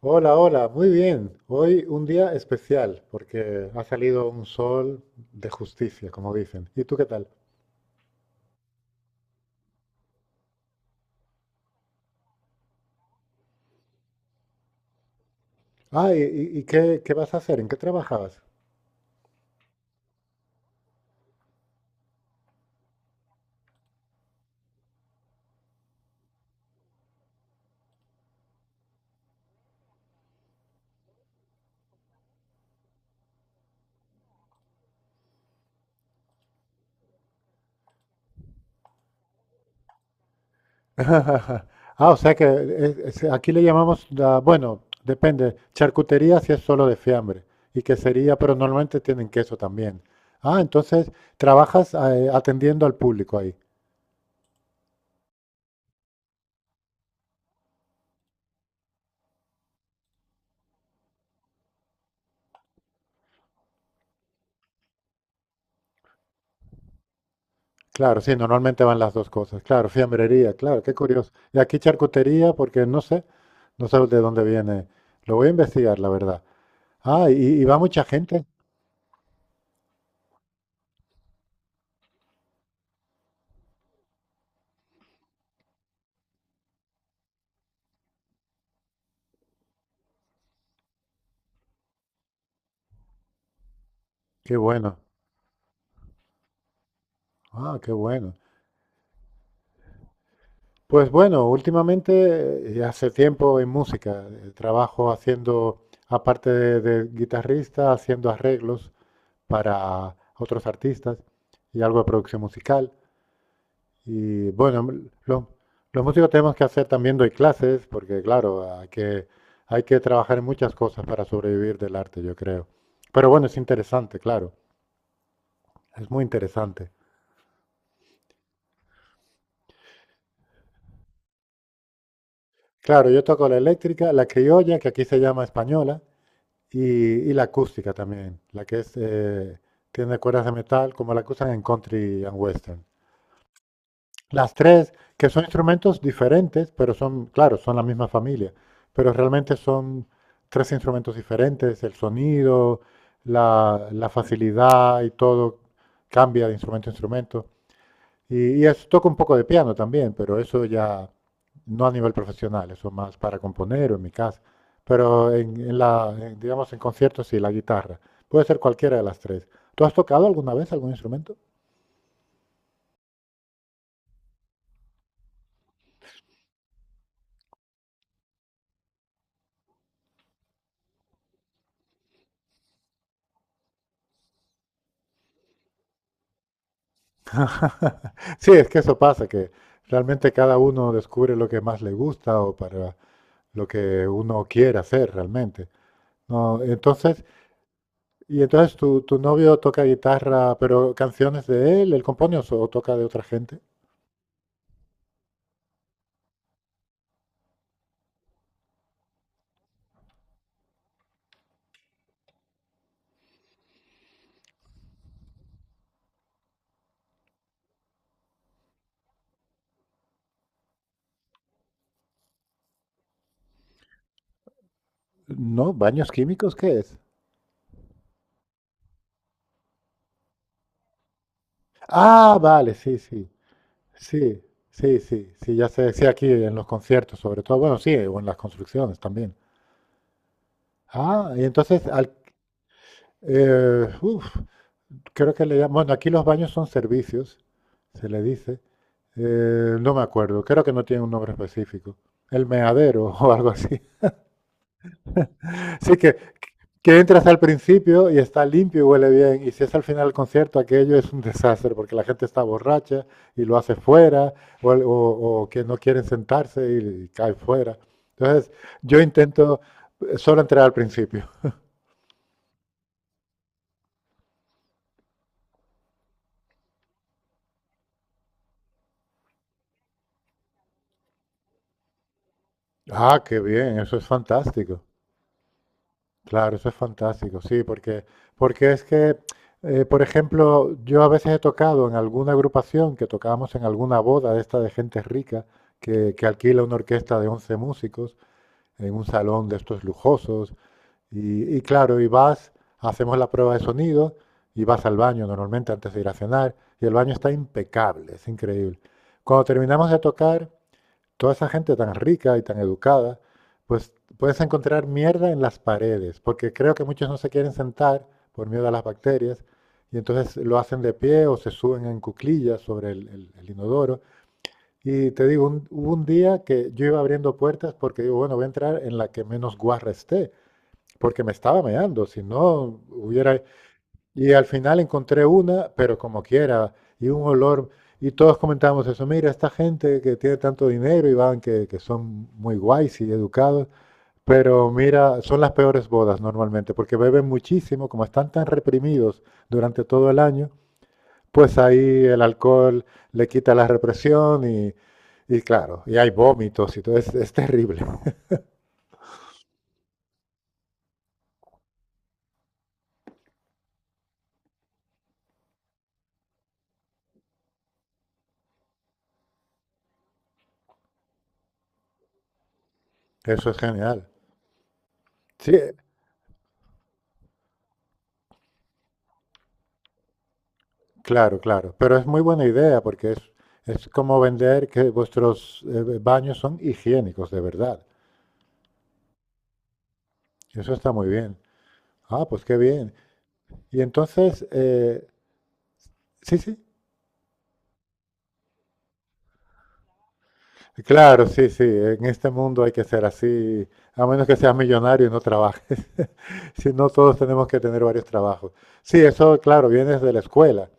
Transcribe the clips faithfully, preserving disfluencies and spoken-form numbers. Hola, hola, muy bien. Hoy un día especial porque ha salido un sol de justicia, como dicen. ¿Y tú qué tal? Ah, ¿y, y- y qué, qué vas a hacer? ¿En qué trabajabas? Ah, o sea que eh, es- aquí le llamamos, la- bueno, depende, charcutería si es solo de fiambre y quesería, pero normalmente tienen queso también. Ah, entonces trabajas eh, atendiendo al público ahí. Claro, sí, normalmente van las dos cosas. Claro, fiambrería, claro, qué curioso. Y aquí charcutería, porque no sé, no sé de dónde viene. Lo voy a investigar, la verdad. Ah, y, y va mucha gente. Qué bueno. Ah, qué bueno. Pues bueno, últimamente, eh, hace tiempo en música, eh, trabajo haciendo, aparte de, de guitarrista, haciendo arreglos para otros artistas y algo de producción musical. Y bueno, lo- los músicos tenemos que hacer también doy clases, porque claro, hay que, hay que trabajar en muchas cosas para sobrevivir del arte, yo creo. Pero bueno, es interesante, claro, es muy interesante. Claro, yo toco la eléctrica, la criolla, que aquí se llama española, y, y la acústica también, la que es, eh, tiene cuerdas de metal, como la que usan en country and western. Las tres, que son instrumentos diferentes, pero son, claro, son la misma familia, pero realmente son tres instrumentos diferentes, el sonido, la, la facilidad y todo cambia de instrumento a instrumento. Y, y es, toco un poco de piano también, pero eso ya no a nivel profesional, eso más para componer o en mi casa. Pero en, en la, en, digamos, en conciertos sí, la guitarra. Puede ser cualquiera de las tres. ¿Tú has tocado alguna vez algún instrumento? Ajá. Sí, es que eso pasa, que realmente cada uno descubre lo que más le gusta o para lo que uno quiere hacer realmente. No, entonces, y entonces tu, tu novio toca guitarra, pero canciones de él, él compone o, so- o toca de otra gente. No, baños químicos, ¿qué es? Ah, vale, sí, sí, sí, sí, sí, sí, ya sé, sí, aquí en los conciertos sobre todo, bueno, sí, o en las construcciones también. Ah, y entonces, al, eh, uf, creo que le llaman, bueno, aquí los baños son servicios, se le dice. Eh, no me acuerdo, creo que no tiene un nombre específico. El meadero o algo así. Así que, que entras al principio y está limpio y huele bien. Y si es al final del concierto, aquello es un desastre porque la gente está borracha y lo hace fuera o, o- o que no quieren sentarse y, y cae fuera. Entonces, yo intento eh, solo entrar al principio. Ah, qué bien, eso es fantástico. Claro, eso es fantástico, sí, porque, porque es que, eh, por ejemplo, yo a veces he tocado en alguna agrupación que tocábamos en alguna boda de esta de gente rica que, que alquila una orquesta de once músicos en un salón de estos lujosos y, y claro, y vas, hacemos la prueba de sonido y vas al baño normalmente antes de ir a cenar y el baño está impecable, es increíble. Cuando terminamos de tocar, toda esa gente tan rica y tan educada, pues puedes encontrar mierda en las paredes, porque creo que muchos no se quieren sentar por miedo a las bacterias, y entonces lo hacen de pie o se suben en cuclillas sobre el, el- el inodoro. Y te digo, un- hubo un día que yo iba abriendo puertas porque digo, bueno, voy a entrar en la que menos guarra esté, porque me estaba meando, si no hubiera... Y al final encontré una, pero como quiera, y un olor. Y todos comentábamos eso, mira, esta gente que tiene tanto dinero y van, que, que son muy guays y educados, pero mira, son las peores bodas normalmente, porque beben muchísimo, como están tan reprimidos durante todo el año, pues ahí el alcohol le quita la represión y, y claro, y hay vómitos y todo, es, es terrible. Eso es genial. Sí, claro, claro, pero es muy buena idea porque es, es como vender que vuestros eh, baños son higiénicos de verdad. Eso está muy bien. Ah, pues qué bien. Y entonces, eh, sí, sí, claro, sí, sí, en este mundo hay que ser así, a menos que seas millonario y no trabajes. Si no, todos tenemos que tener varios trabajos. Sí, eso, claro, viene desde la escuela.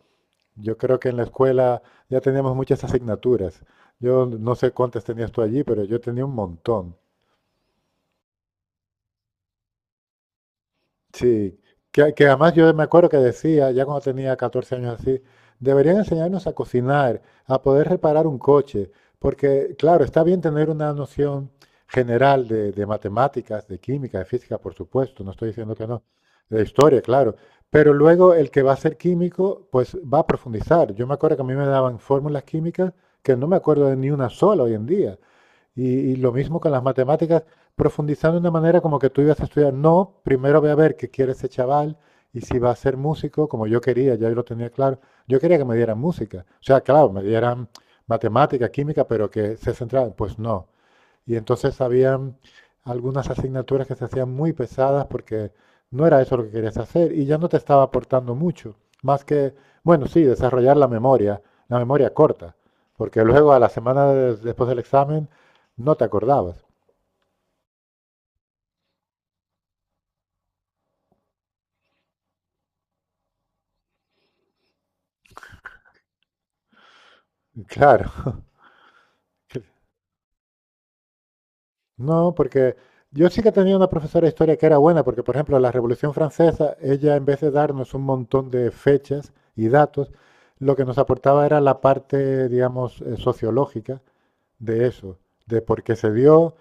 Yo creo que en la escuela ya teníamos muchas asignaturas. Yo no sé cuántas tenías tú allí, pero yo tenía un montón. Sí, que, que además yo me acuerdo que decía, ya cuando tenía catorce años así, deberían enseñarnos a cocinar, a poder reparar un coche, porque claro, está bien tener una noción general de, de matemáticas, de química, de física, por supuesto, no estoy diciendo que no, de historia, claro, pero luego el que va a ser químico, pues va a profundizar. Yo me acuerdo que a mí me daban fórmulas químicas que no me acuerdo de ni una sola hoy en día. Y, y lo mismo con las matemáticas, profundizando de una manera como que tú ibas a estudiar. No, primero voy a ver qué quiere ese chaval y si va a ser músico, como yo quería, ya yo lo tenía claro. Yo quería que me dieran música. O sea, claro, me dieran matemática, química, pero que se centraran. Pues no. Y entonces habían algunas asignaturas que se hacían muy pesadas porque no era eso lo que querías hacer y ya no te estaba aportando mucho, más que, bueno, sí, desarrollar la memoria, la memoria corta, porque luego a la semana de- después del examen no te acordabas. Claro, no, porque yo sí que tenía una profesora de historia que era buena, porque por ejemplo la Revolución Francesa, ella en vez de darnos un montón de fechas y datos, lo que nos aportaba era la parte, digamos, eh, sociológica de eso, de por qué se dio,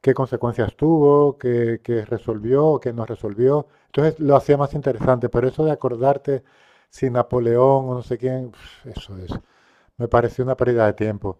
qué consecuencias tuvo, qué, qué resolvió qué no resolvió. Entonces lo hacía más interesante, pero eso de acordarte si Napoleón o no sé quién, eso es, me pareció una pérdida de tiempo.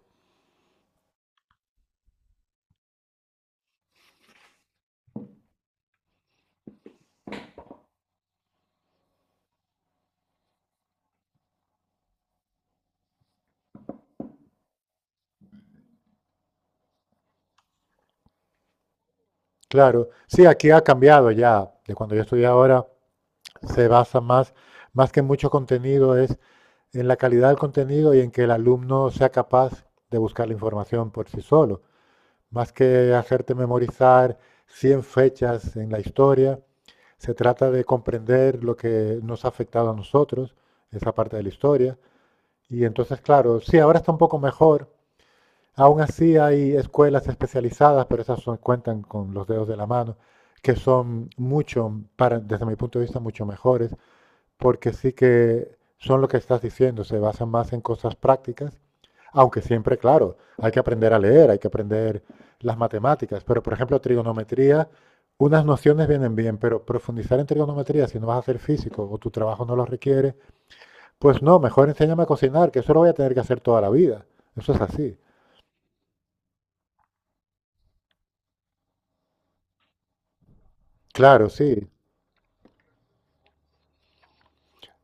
Claro, sí, aquí ha cambiado ya, de cuando yo estudié ahora, se basa más, más que en mucho contenido, es en la calidad del contenido y en que el alumno sea capaz de buscar la información por sí solo, más que hacerte memorizar cien fechas en la historia. Se trata de comprender lo que nos ha afectado a nosotros, esa parte de la historia. Y entonces, claro, sí, ahora está un poco mejor. Aún así hay escuelas especializadas, pero esas son- cuentan con los dedos de la mano, que son mucho, para, desde mi punto de vista, mucho mejores porque sí que son lo que estás diciendo, se basan más en cosas prácticas, aunque siempre, claro, hay que aprender a leer, hay que aprender las matemáticas, pero por ejemplo, trigonometría, unas nociones vienen bien, pero profundizar en trigonometría, si no vas a ser físico o tu trabajo no lo requiere, pues no, mejor enséñame a cocinar, que eso lo voy a tener que hacer toda la vida. Eso es así. Claro, sí.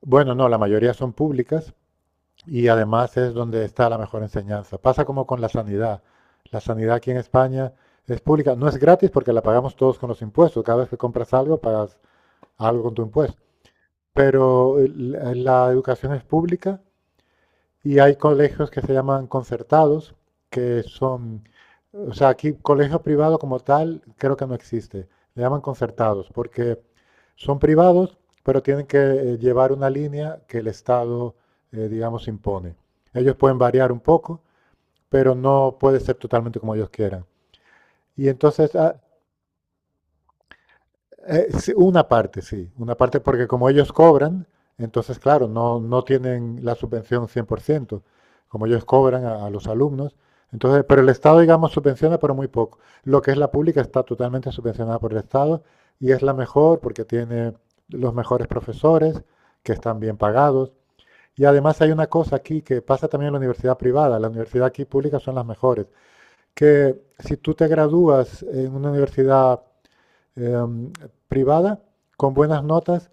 Bueno, no, la mayoría son públicas, y además es donde está la mejor enseñanza. Pasa como con la sanidad. La sanidad aquí en España es pública, no es gratis porque la pagamos todos con los impuestos. Cada vez que compras algo, pagas algo con tu impuesto. Pero la educación es pública y hay colegios que se llaman concertados, que son, o sea, aquí colegio privado como tal creo que no existe. Le llaman concertados porque son privados, pero tienen que eh, llevar una línea que el Estado, eh, digamos, impone. Ellos pueden variar un poco, pero no puede ser totalmente como ellos quieran. Y entonces ah, Eh, sí, una parte, sí. Una parte porque como ellos cobran, entonces, claro, no, no tienen la subvención cien por ciento como ellos cobran a, a los alumnos. Entonces, pero el Estado, digamos, subvenciona, pero muy poco. Lo que es la pública está totalmente subvencionada por el Estado y es la mejor porque tiene los mejores profesores que están bien pagados. Y además hay una cosa aquí que pasa también en la universidad privada. La universidad aquí pública son las mejores. Que si tú te gradúas en una universidad eh, privada con buenas notas,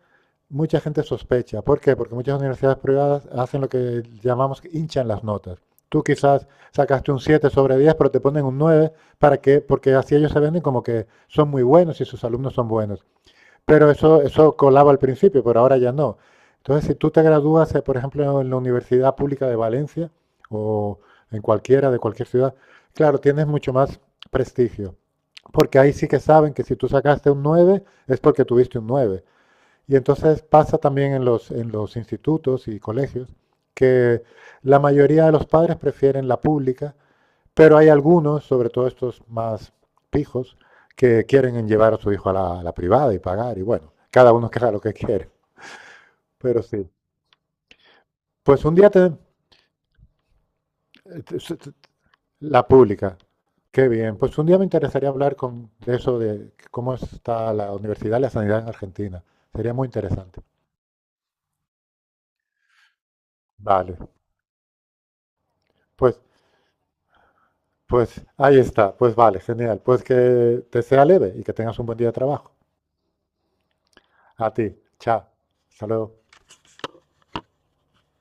mucha gente sospecha. ¿Por qué? Porque muchas universidades privadas hacen lo que llamamos hinchan las notas. Tú quizás sacaste un siete sobre diez pero te ponen un nueve para que, porque así ellos se venden como que son muy buenos y sus alumnos son buenos. Pero eso, eso colaba al principio, pero ahora ya no. Entonces, si tú te gradúas, eh, por ejemplo, en la Universidad Pública de Valencia o en cualquiera de cualquier ciudad, claro, tienes mucho más prestigio. Porque ahí sí que saben que si tú sacaste un nueve es porque tuviste un nueve. Y entonces pasa también en los, en los, institutos y colegios que la mayoría de los padres prefieren la pública, pero hay algunos, sobre todo estos más pijos, que quieren llevar a su hijo a la, a la privada y pagar. Y bueno, cada uno queda lo que quiere. Pero sí. Pues un día te, La pública. Qué bien. Pues un día me interesaría hablar con, de eso, de cómo está la universidad y la sanidad en Argentina. Sería muy interesante. Vale. Pues, pues ahí está. Pues vale, genial. Pues que te sea leve y que tengas un buen día de trabajo. A ti. Chao. Hasta luego.